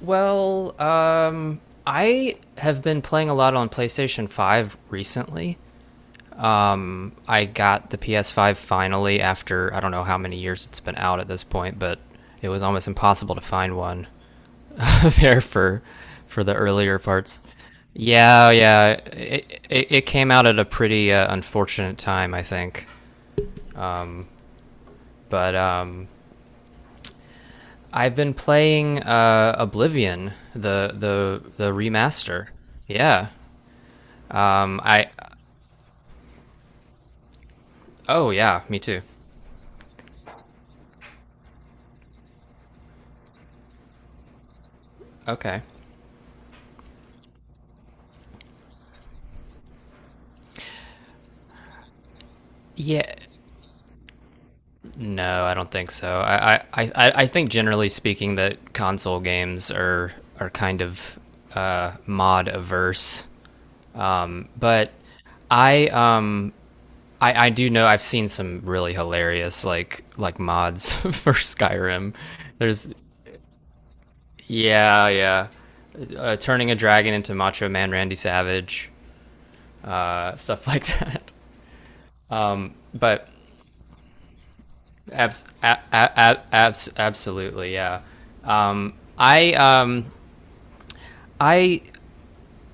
Well, I have been playing a lot on PlayStation 5 recently. I got the PS5 finally after I don't know how many years it's been out at this point, but it was almost impossible to find one there for the earlier parts. Yeah, yeah, it came out at a pretty unfortunate time, I think. But I've been playing Oblivion, the remaster. Yeah. I Oh yeah, me too. Okay. Yeah. No, I don't think so. I think generally speaking that console games are kind of mod averse. Um, but I um I, I do know I've seen some really hilarious like mods for Skyrim. There's Yeah, yeah, turning a dragon into Macho Man Randy Savage, stuff like that. But Abs- a- a- absolutely, yeah. Um, I um, I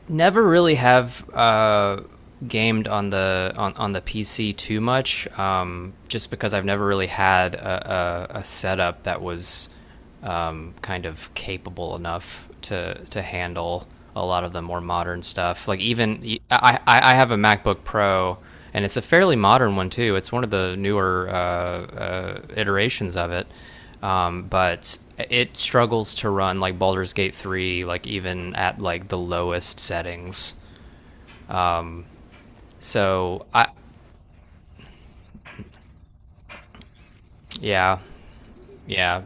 never really have gamed on the PC too much, just because I've never really had a setup that was kind of capable enough to handle a lot of the more modern stuff. Like even I have a MacBook Pro. And it's a fairly modern one too. It's one of the newer iterations of it, but it struggles to run like Baldur's Gate 3, like even at like the lowest settings. So I, yeah, yeah,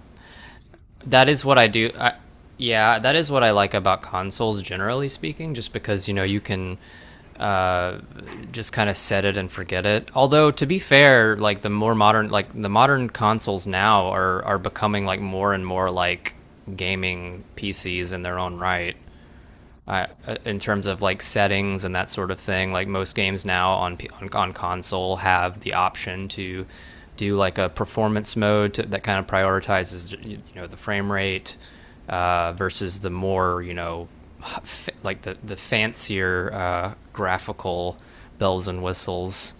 that is what I do. Yeah, that is what I like about consoles, generally speaking, just because you know you can just kind of set it and forget it. Although to be fair, like the more modern, like the modern consoles now are becoming like more and more like gaming PCs in their own right. In terms of like settings and that sort of thing. Like most games now on console have the option to do like a performance mode to, that kind of prioritizes you know the frame rate versus the more you know like the fancier graphical bells and whistles.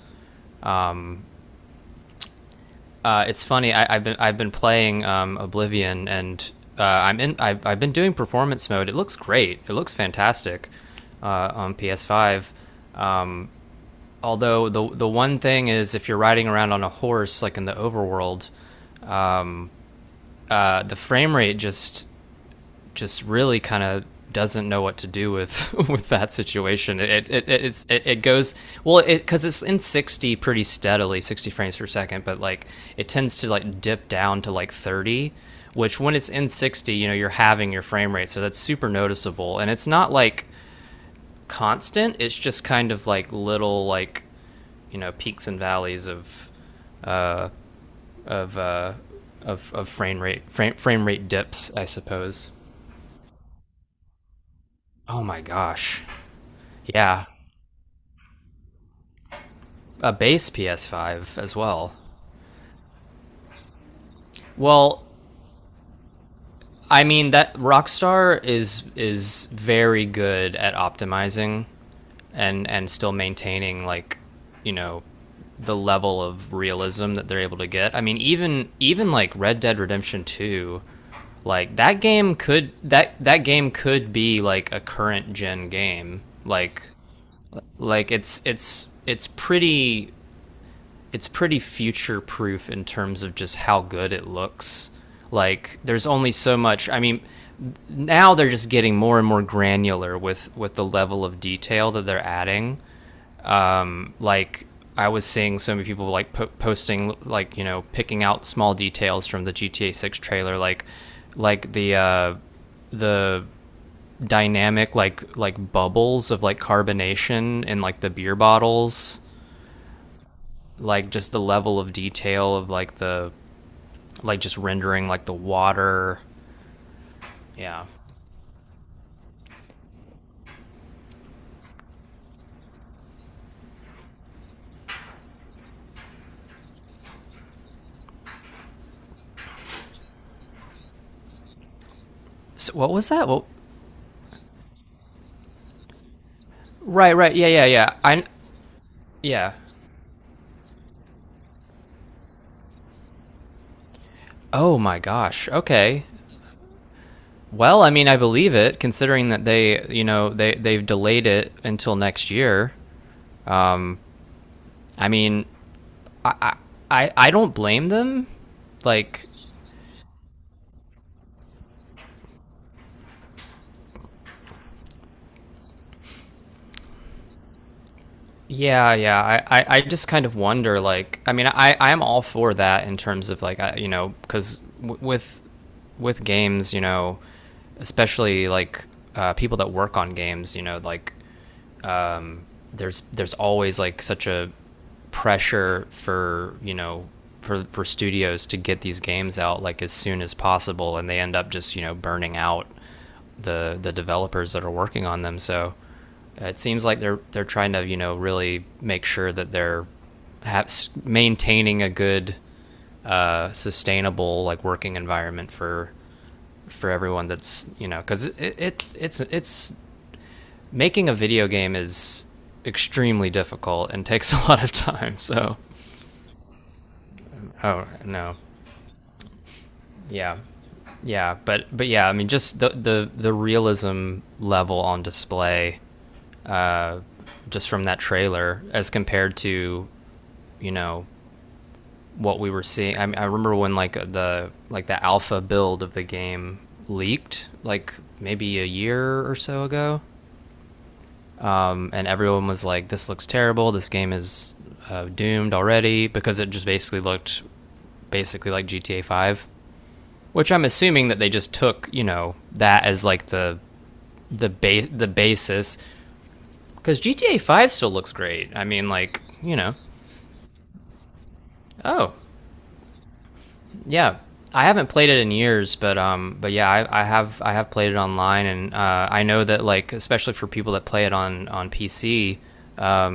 It's funny. I've been playing Oblivion, and I'm in. I've been doing performance mode. It looks great. It looks fantastic on PS5. Um, Although the one thing is, if you're riding around on a horse, like in the overworld, the frame rate just really kind of doesn't know what to do with with that situation. It goes, well, it because it's in 60 pretty steadily, 60 frames per second, but like it tends to like dip down to like 30, which when it's in 60, you know, you're having your frame rate, so that's super noticeable. And it's not like constant; it's just kind of like little like you know peaks and valleys of uh, of frame rate frame frame rate dips, I suppose. Oh my gosh, yeah. A base PS5 as well. Well, I mean that Rockstar is very good at optimizing and still maintaining, like, you know, the level of realism that they're able to get. I mean, even like Red Dead Redemption 2, like that game could be like a current gen game. Like it's pretty future proof in terms of just how good it looks. Like there's only so much. I mean, now they're just getting more and more granular with the level of detail that they're adding. Like I was seeing so many people like posting like you know picking out small details from the GTA 6 trailer like the the dynamic like bubbles of like carbonation in like the beer bottles like just the level of detail of like the like just rendering like the water. Yeah. So what was that? Well, right, right. Yeah, yeah, yeah. I Yeah. Oh my gosh. Okay. Well, I mean, I believe it considering that they, you know, they've delayed it until next year. I mean, I don't blame them. Like Yeah, yeah. I just kind of wonder, like, I mean, I'm all for that in terms of, like, you know, because with, games, you know, especially like people that work on games, you know, like there's always like such a pressure for you know for studios to get these games out like as soon as possible, and they end up just you know burning out the developers that are working on them. So it seems like they're trying to you know really make sure that they're ha- maintaining a good sustainable like working environment for everyone that's you know because it's making a video game is extremely difficult and takes a lot of time. So, oh no, yeah, yeah, but yeah, I mean, just the realism level on display, uh, just from that trailer as compared to, you know, what we were seeing. I mean, I remember when like the like the alpha build of the game leaked, like maybe a year or so ago. And everyone was like, "This looks terrible. This game is doomed already," because it just basically looked basically like GTA Five, which I'm assuming that they just took you know that as like the basis because GTA Five still looks great. I mean, like you know. Oh yeah. I haven't played it in years, but yeah, I have played it online, and I know that like especially for people that play it on PC, uh,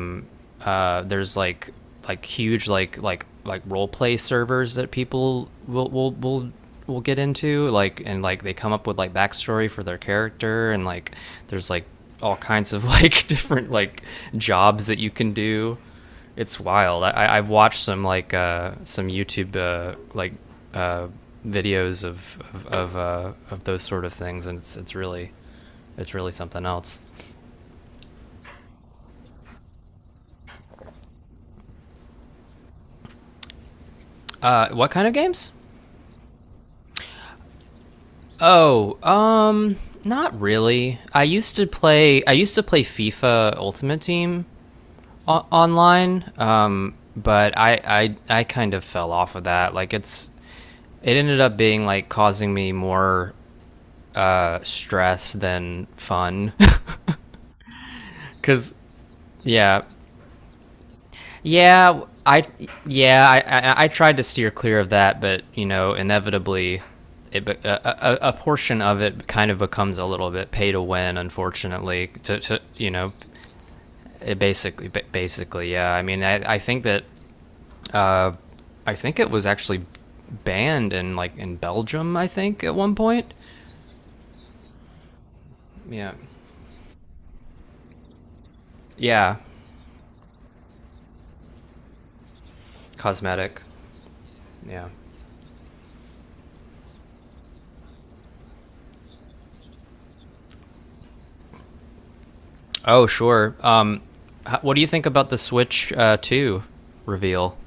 there's like huge like role play servers that people will get into like and like they come up with like backstory for their character and like there's like all kinds of like different like jobs that you can do. It's wild. I have watched some like some YouTube uh, videos of those sort of things, and it's really something else. What kind of games? Oh, not really. I used to play. I used to play FIFA Ultimate Team online, but I kind of fell off of that. Like it ended up being like causing me more stress than fun, because yeah, yeah, I tried to steer clear of that, but you know inevitably, it be- a portion of it kind of becomes a little bit pay to win. Unfortunately, to you know, it basically, yeah. I mean, uh, I think it was actually banned in like in Belgium. I think at one point. Yeah, yeah, cosmetic. Yeah. Oh, sure. What do you think about the Switch Two reveal?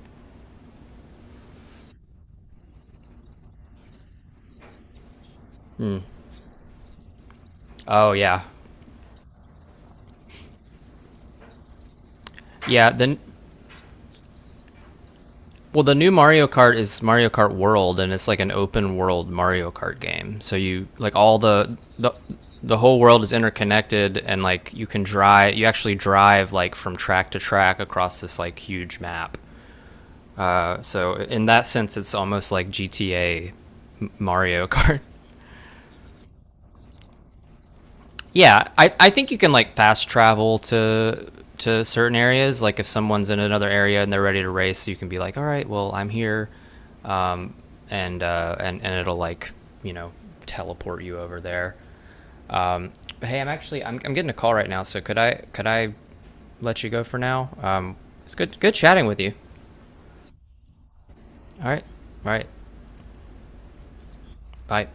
Oh yeah, yeah. Then, well, the new Mario Kart is Mario Kart World, and it's like an open world Mario Kart game. So you like all the whole world is interconnected, and like you can drive. You actually drive, like, from track to track across this like huge map. So in that sense, it's almost like GTA Mario Kart. Yeah, I think you can like fast travel to certain areas. Like if someone's in another area and they're ready to race, you can be like, all right, well, I'm here, um, and it'll, like, you know, teleport you over there. Um, but hey, I'm getting a call right now, so could I let you go for now? It's good chatting with you. All right, all right, bye.